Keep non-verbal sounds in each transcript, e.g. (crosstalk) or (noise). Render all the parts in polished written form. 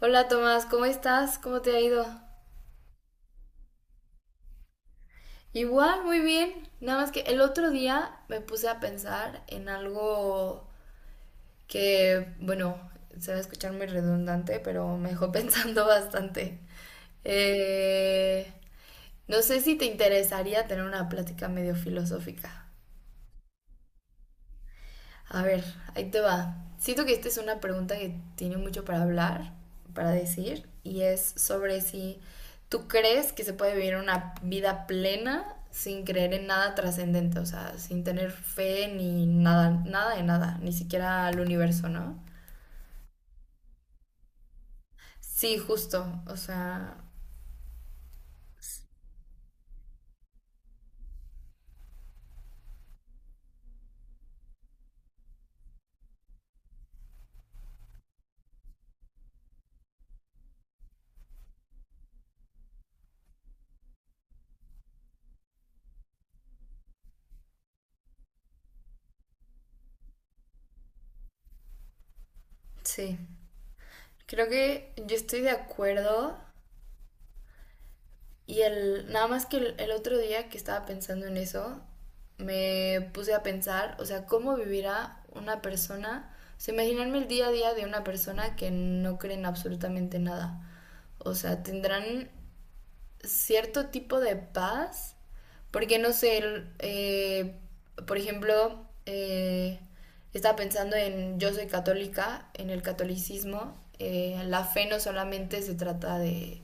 Hola Tomás, ¿cómo estás? ¿Cómo te ha ido? Igual, muy bien. Nada más que el otro día me puse a pensar en algo que, bueno, se va a escuchar muy redundante, pero me dejó (laughs) pensando bastante. Eh, no sé si te interesaría tener una plática medio filosófica. A ver, ahí te va. Siento que esta es una pregunta que tiene mucho para hablar, para decir, y es sobre si tú crees que se puede vivir una vida plena sin creer en nada trascendente, o sea, sin tener fe ni nada, nada de nada, ni siquiera al universo, ¿no? Sí, justo, o sea, sí. Creo que yo estoy de acuerdo. Y el, nada más que el otro día que estaba pensando en eso, me puse a pensar, o sea, cómo vivirá una persona, o sea, imaginarme el día a día de una persona que no cree en absolutamente nada. O sea, tendrán cierto tipo de paz, porque no sé, eh, por ejemplo, estaba pensando en yo soy católica, en el catolicismo, la fe no solamente se trata de,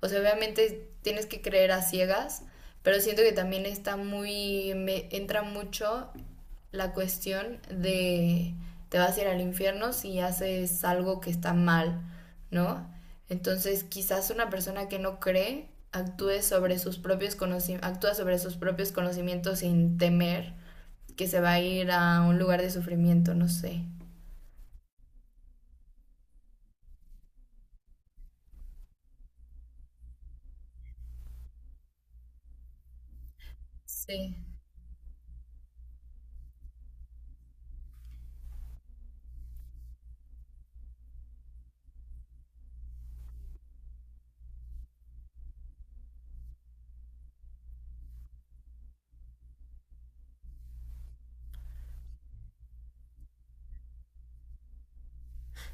o sea, obviamente tienes que creer a ciegas, pero siento que también está muy, me entra mucho la cuestión de te vas a ir al infierno si haces algo que está mal, ¿no? Entonces, quizás una persona que no cree actúe sobre sus propios conocimientos, actúa sobre sus propios conocimientos sin temer que se va a ir a un lugar de sufrimiento, no sé. Sí.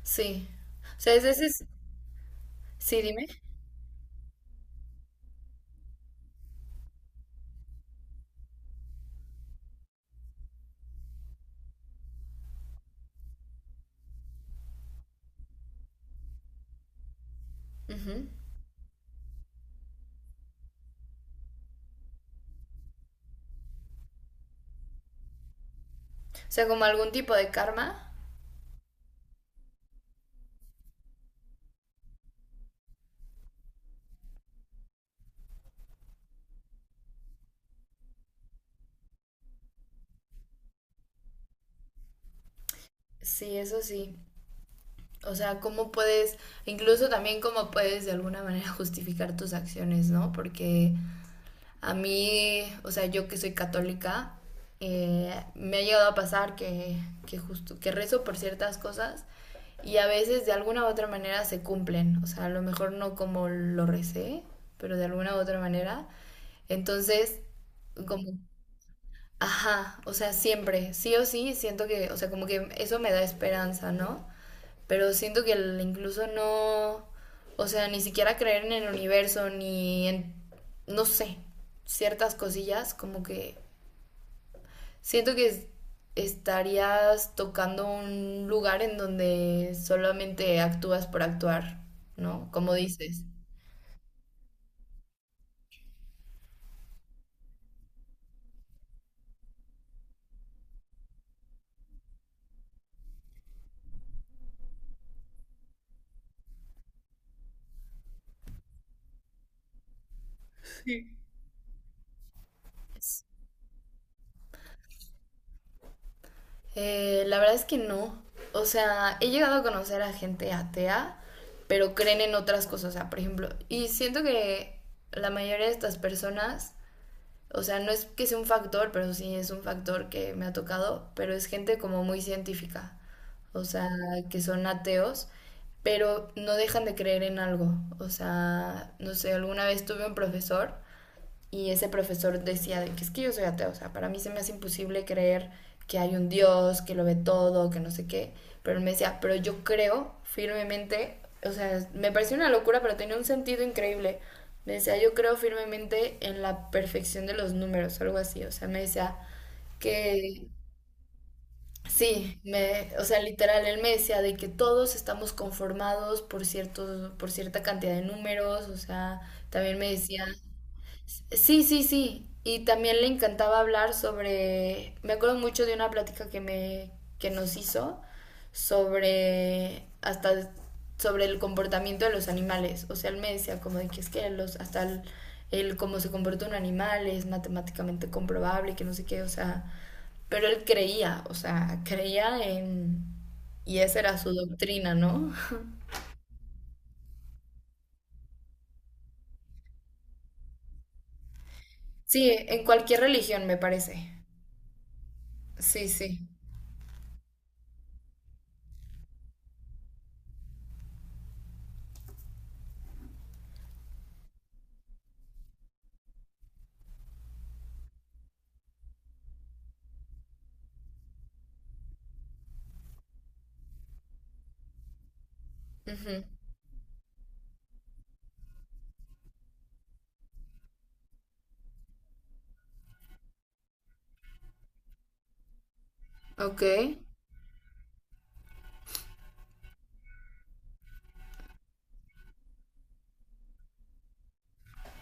Sí. O sea, ese es... Sí, dime. Ujú. O sea, como algún tipo de karma. Sí, eso sí. O sea, cómo puedes, incluso también cómo puedes de alguna manera (laughs) justificar tus acciones, ¿no? Porque a mí, o sea, yo que soy católica, me ha llegado a pasar que, justo, que rezo por ciertas cosas y a veces de alguna u otra manera se cumplen. O sea, a lo mejor no como lo recé, pero de alguna u otra manera. Entonces, como, ajá, o sea, siempre, sí o sí, siento que, o sea, como que eso me da esperanza, ¿no? Pero siento que incluso no, o sea, ni siquiera creer en el universo, ni en, no sé, ciertas cosillas, como que siento que estarías tocando un lugar en donde solamente actúas por actuar, ¿no? Como dices. La verdad es que no. O sea, he llegado a conocer a gente atea, pero creen en otras cosas. O sea, por ejemplo, y siento que la mayoría de estas personas, o sea, no es que sea un factor, pero sí es un factor que me ha tocado, pero es gente como muy científica, o sea, que son ateos, pero no dejan de creer en algo. O sea, no sé, alguna vez tuve un profesor y ese profesor decía de que es que yo soy ateo, o sea, para mí se me hace imposible creer que hay un Dios, que lo ve todo, que no sé qué. Pero él me decía, pero yo creo firmemente, o sea, me pareció una locura, pero tenía un sentido increíble. Me decía, yo creo firmemente en la perfección de los números, algo así. O sea, me decía que sí, me, o sea, literal, él me decía de que todos estamos conformados por ciertos, por cierta cantidad de números. O sea, también me decía, sí, sí, sí. Y también le encantaba hablar sobre, me acuerdo mucho de una plática que me que nos hizo sobre hasta sobre el comportamiento de los animales. O sea, él me decía como de que es que los hasta el cómo se comporta un animal es matemáticamente comprobable, que no sé qué, o sea, pero él creía, o sea, creía en y esa era su doctrina, ¿no? Sí, en cualquier religión me parece. Sí, sí. Ujú. Ok.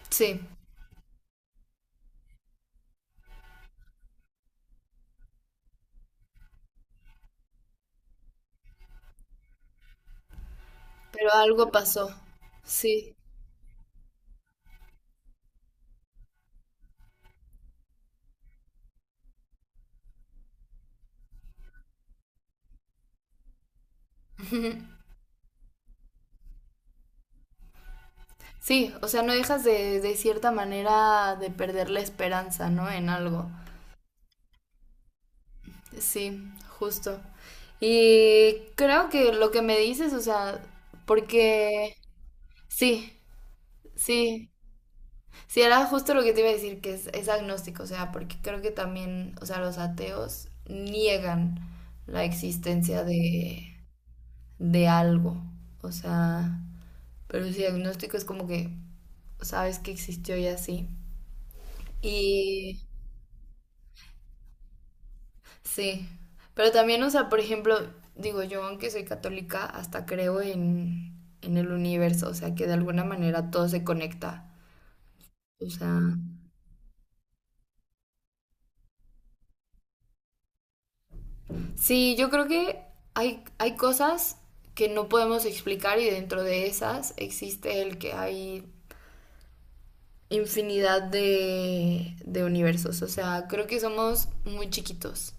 Sí. Pero algo pasó, sí. (laughs) Sí, o sea, no dejas de cierta manera de perder la esperanza, ¿no? En algo. Sí, justo. Y creo que lo que me dices, o sea, porque sí, sí, sí, era justo lo que te iba a decir, que es agnóstico, o sea, porque creo que también, o sea, los ateos niegan la existencia de algo, o sea, pero su diagnóstico es como que sabes que existió y así. Y sí, pero también, o sea, por ejemplo, digo yo, aunque soy católica, hasta creo en el universo, o sea, que de alguna manera todo se conecta. O sea, sí, yo creo que hay cosas que no podemos explicar y dentro de esas existe el que hay infinidad de universos. O sea, creo que somos muy chiquitos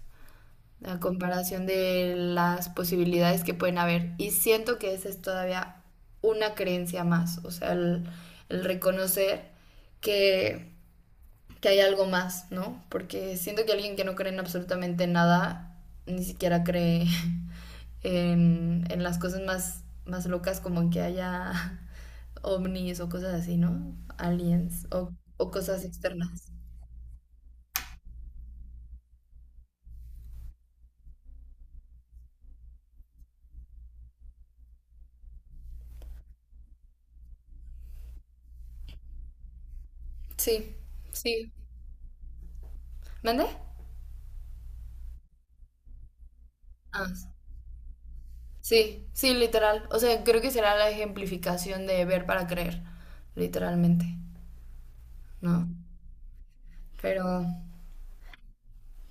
a comparación de las posibilidades que pueden haber. Y siento que esa es todavía una creencia más, o sea, el reconocer que, que hay algo más, ¿no? Porque siento que alguien que no cree en absolutamente nada, ni siquiera cree (laughs) en las cosas más, más locas como en que haya (laughs) ovnis o cosas así, ¿no? Aliens o cosas externas. Sí, sí. ¿Mande? Ah, sí, sí, literal. O sea, creo que será la ejemplificación de ver para creer, literalmente, ¿no? Pero,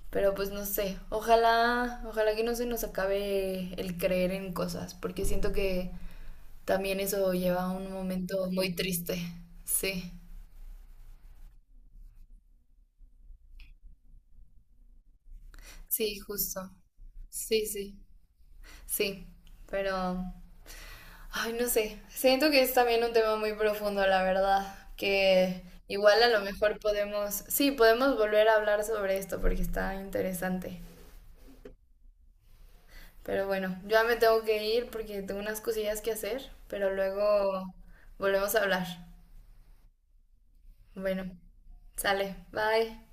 pero pues no sé. Ojalá, ojalá que no se nos acabe el creer en cosas, porque siento que también eso lleva a un momento muy triste. Sí, sí, justo. Sí, sí, sí. Pero, ay, no sé. Siento que es también un tema muy profundo, la verdad. Que igual a lo mejor podemos, sí, podemos volver a hablar sobre esto porque está interesante. Pero bueno, yo ya me tengo que ir porque tengo unas cosillas que hacer, pero luego volvemos a hablar. Bueno, sale. Bye.